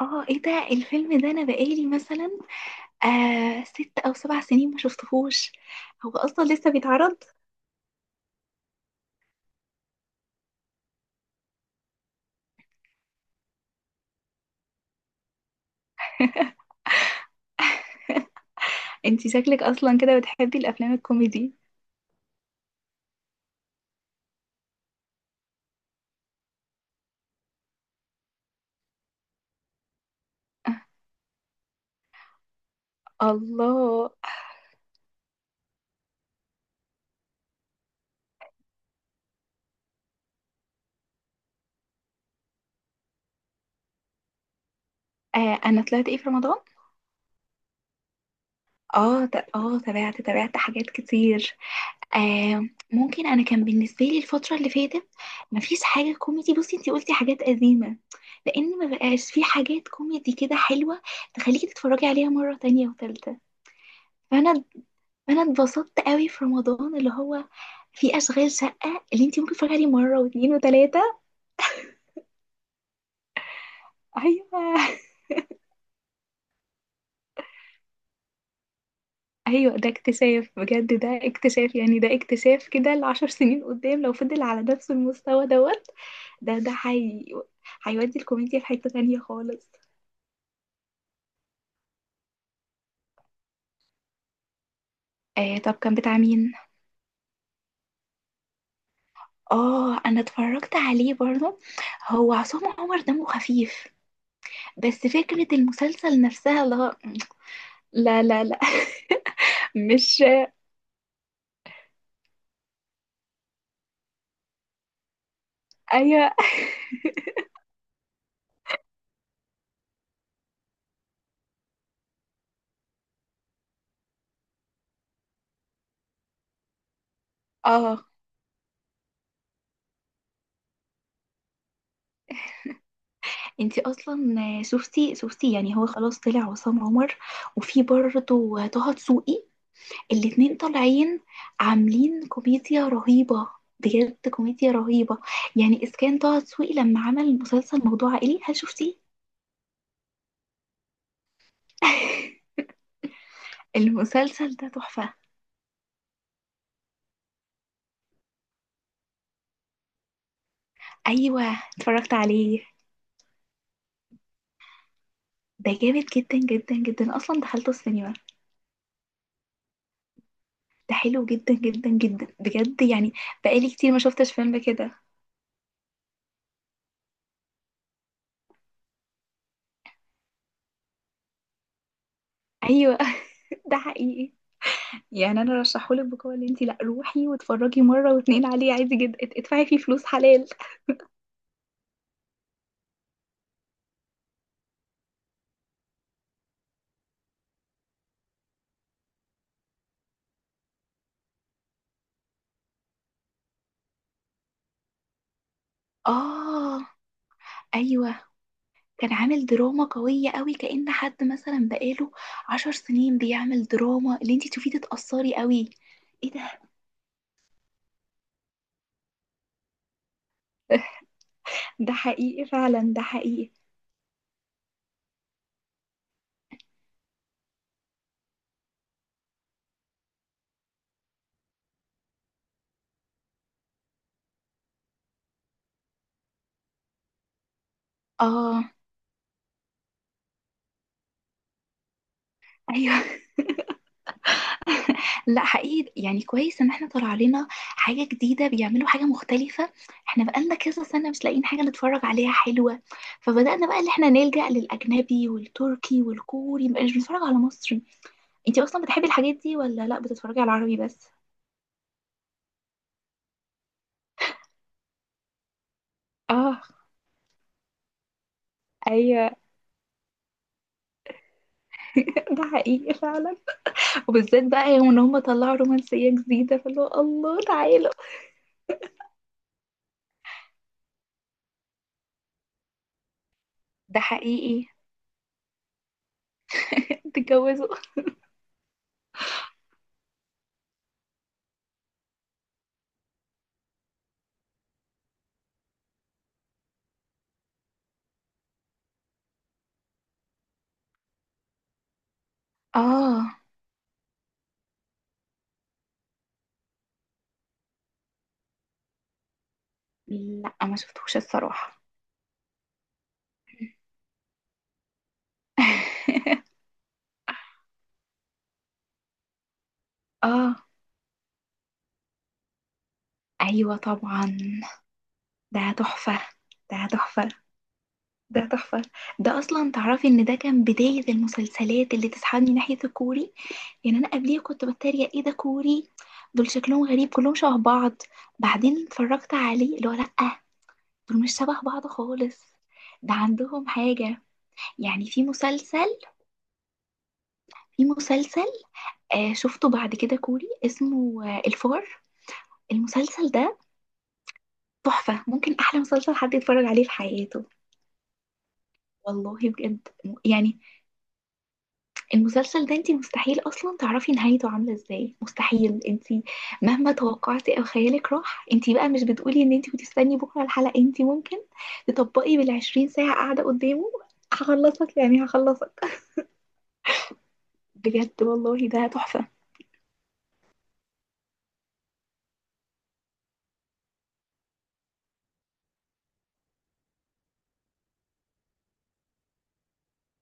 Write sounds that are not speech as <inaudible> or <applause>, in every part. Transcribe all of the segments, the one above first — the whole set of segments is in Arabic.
اه، ايه ده الفيلم ده؟ انا بقالي مثلا 6 أو 7 سنين ما شفتهوش. هو اصلا لسه بيتعرض. انتي شكلك اصلا كده بتحبي الافلام الكوميدي؟ الله. انا طلعت ايه في رمضان؟ اه، تابعت حاجات كتير. ممكن انا كان بالنسبه لي الفتره اللي فاتت مفيش حاجه كوميدي. بصي انتي قلتي حاجات قديمه، لان ما بقاش في حاجات كوميدي كده حلوه تخليكي تتفرجي عليها مره تانية وتالتة. فانا فانا اتبسطت قوي في رمضان، اللي هو في اشغال شقه اللي انت ممكن تتفرجي عليه مره واثنين وثلاثه. ايوه، ايوه، ده اكتشاف، بجد ده اكتشاف، يعني ده اكتشاف كده لعشر سنين قدام لو فضل على نفس المستوى دوت. ده ده حي... هيودي الكوميديا في حته تانية خالص. طب كان بتاع مين؟ اه، انا اتفرجت عليه برضه. هو عصام عمر دمه خفيف. بس فكرة المسلسل نفسها، لا. لا، لا، لا. <laughs> مش ايوه. اه، انتي اصلا شفتي، يعني هو خلاص طلع عصام عمر. وفي برضه طه دسوقي. الاتنين طالعين عاملين كوميديا رهيبة، بجد كوميديا رهيبة. يعني اذا كان طه دسوقي لما عمل مسلسل موضوع عائلي، هل شفتيه؟ <laughs> المسلسل ده تحفة. ايوه، اتفرجت عليه. ده جامد جدا جدا جدا، اصلا دخلته السينما. ده حلو جدا جدا جدا بجد يعني. بقالي كتير ما شفتش فيلم كده. ايوه. <laughs> ده حقيقي. يعني انا رشحهولك بقوه، اللي انتي لا روحي واتفرجي مره واتنين عليه عادي جدا، ادفعي فيه فلوس حلال. اه، ايوه، كان عامل دراما قويه قوي، كأن حد مثلا بقاله 10 سنين بيعمل دراما اللي انتي تشوفيه تتأثري قوي. ايه ده؟ <laughs> ده حقيقي فعلا، ده حقيقي. اه، ايوه، لا حقيقي يعني كويس ان احنا طلع علينا حاجة جديدة، بيعملوا حاجة مختلفة. احنا بقالنا كذا سنة مش لاقيين حاجة نتفرج عليها حلوة. فبدأنا بقى اللي احنا نلجأ للأجنبي والتركي والكوري، مبقاش بنتفرج على مصري. انتي اصلا بتحبي الحاجات دي ولا لا، بتتفرجي على العربي بس؟ اه، ايوه. <laughs> ده حقيقي فعلا. وبالذات بقى يوم ان هم طلعوا رومانسية جديدة، فاللي هو الله تعالوا. ده حقيقي. <laughs> اتجوزوا. اه، لا ما شفتوش الصراحة. <laughs> اه، أيوة طبعا. ده تحفة، ده تحفة، ده تحفة. ده أصلا تعرفي إن ده كان بداية المسلسلات اللي تسحبني ناحية الكوري. يعني أنا قبليه كنت بتريق، إيه ده كوري؟ دول شكلهم غريب كلهم شبه بعض. بعدين اتفرجت عليه اللي هو لأ، دول مش شبه بعض خالص. ده عندهم حاجة. يعني في مسلسل، شفته بعد كده كوري اسمه الفار. المسلسل ده تحفة، ممكن أحلى مسلسل حد يتفرج عليه في حياته. والله بجد يعني. المسلسل ده انتي مستحيل اصلا تعرفي نهايته عامله ازاي، مستحيل انتي مهما توقعتي او خيالك راح، انتي بقى مش بتقولي ان انتي بتستني بكره الحلقه، انتي ممكن تطبقي بالـ 20 ساعة قاعده قدامه. هخلصك يعني، هخلصك. بجد والله، ده تحفه.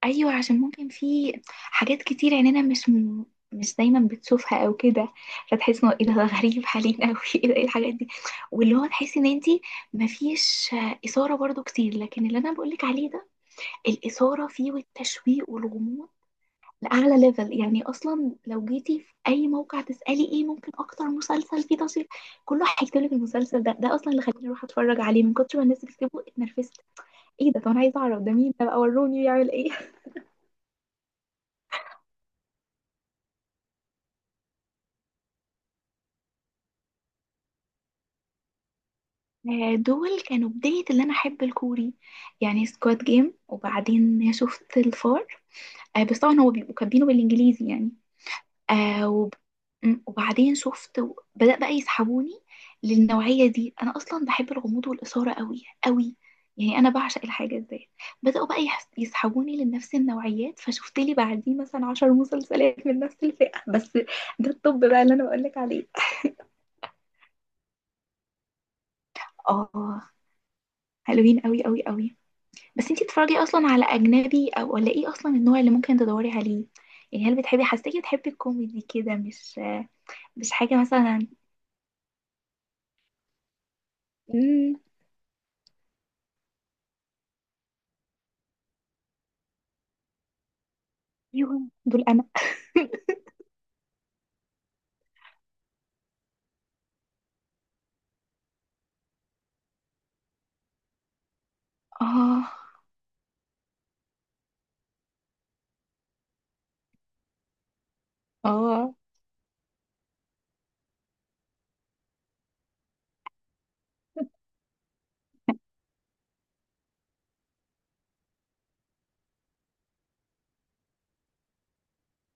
ايوه، عشان ممكن في حاجات كتير عيننا مش دايما بتشوفها او كده. فتحس انه ايه ده، ده غريب علينا اوي. <laughs> ايه ده؟ ايه الحاجات دي؟ واللي هو تحسي ان انتي مفيش اثاره برضو كتير، لكن اللي انا بقولك عليه ده، الإثارة فيه والتشويق والغموض لأعلى ليفل. يعني أصلا لو جيتي في أي موقع تسألي إيه ممكن أكتر مسلسل فيه تشويق، كله هيكتب لك المسلسل ده. ده أصلا اللي خلاني أروح أتفرج عليه، من كتر ما الناس بتكتبه اتنرفزت. إيه ده؟ طب أنا عايزة أعرف ده مين ده بقى، وروني بيعمل إيه. <laughs> دول كانوا بداية اللي أنا أحب الكوري. يعني سكواد جيم، وبعدين شفت الفار. بس طبعا هو بيبقوا كاتبينه بالإنجليزي يعني. آه وب... وبعدين بدأ بقى يسحبوني للنوعية دي. أنا أصلا بحب الغموض والإثارة قوي قوي. يعني أنا بعشق الحاجة دي. بدأوا بقى يسحبوني لنفس النوعيات، فشفت لي بعديه مثلا 10 مسلسلات من نفس الفئة بس. ده الطب بقى اللي أنا بقولك عليه. آه حلوين قوي قوي قوي. بس انتي بتتفرجي أصلا على أجنبي أو ولا إيه، أصلا النوع اللي ممكن تدوري عليه؟ يعني هل بتحبي، حسيتي بتحبي الكوميدي كده مش حاجة مثلا؟ مم، ايوه، دول أنا. اه، اه،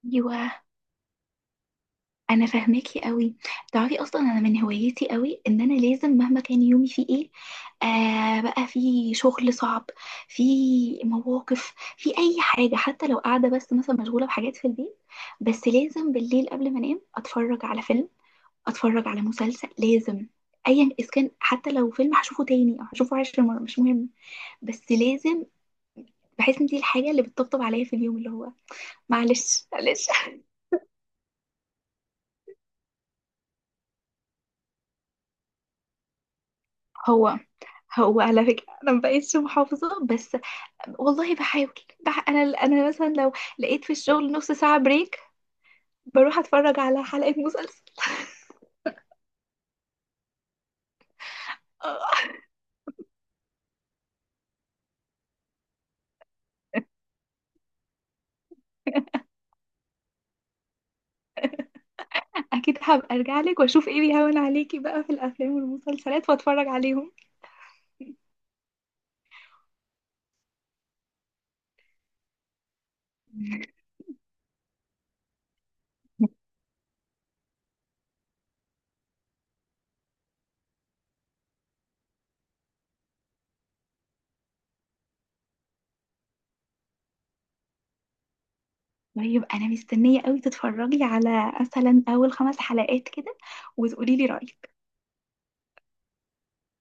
ايوه، انا فاهماكي قوي. تعرفي اصلا انا من هوايتي قوي ان انا لازم مهما كان يومي فيه ايه، بقى في شغل صعب، في مواقف، في اي حاجه، حتى لو قاعده بس مثلا مشغوله بحاجات في البيت، بس لازم بالليل قبل ما انام اتفرج على فيلم، اتفرج على مسلسل، لازم. ايا اذا كان حتى لو فيلم هشوفه تاني او هشوفه 10 مرات مش مهم. بس لازم. بحس ان دي الحاجه اللي بتطبطب عليا في اليوم، اللي هو معلش معلش. <laughs> هو هو على فكرة أنا مبقتش محافظة بس. والله بحاول. أنا مثلا لو لقيت في الشغل نص ساعة بريك، بروح أتفرج على حلقة مسلسل. <laughs> آه، أكيد هبقى أرجع لك وأشوف إيه بيهون عليكي بقى في الأفلام والمسلسلات وأتفرج عليهم. <laughs> طيب أنا مستنية قوي تتفرجي على مثلا أول 5 حلقات كده، وتقولي لي رأيك.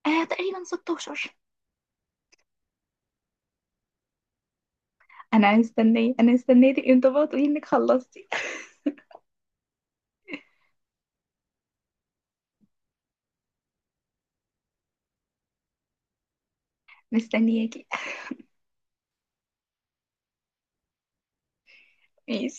تقريبا 16. أنا مستنية، أنا مستنية تبقي انت بقى تقولي إنك خلصتي. <laughs> مستنياكي. ماشي.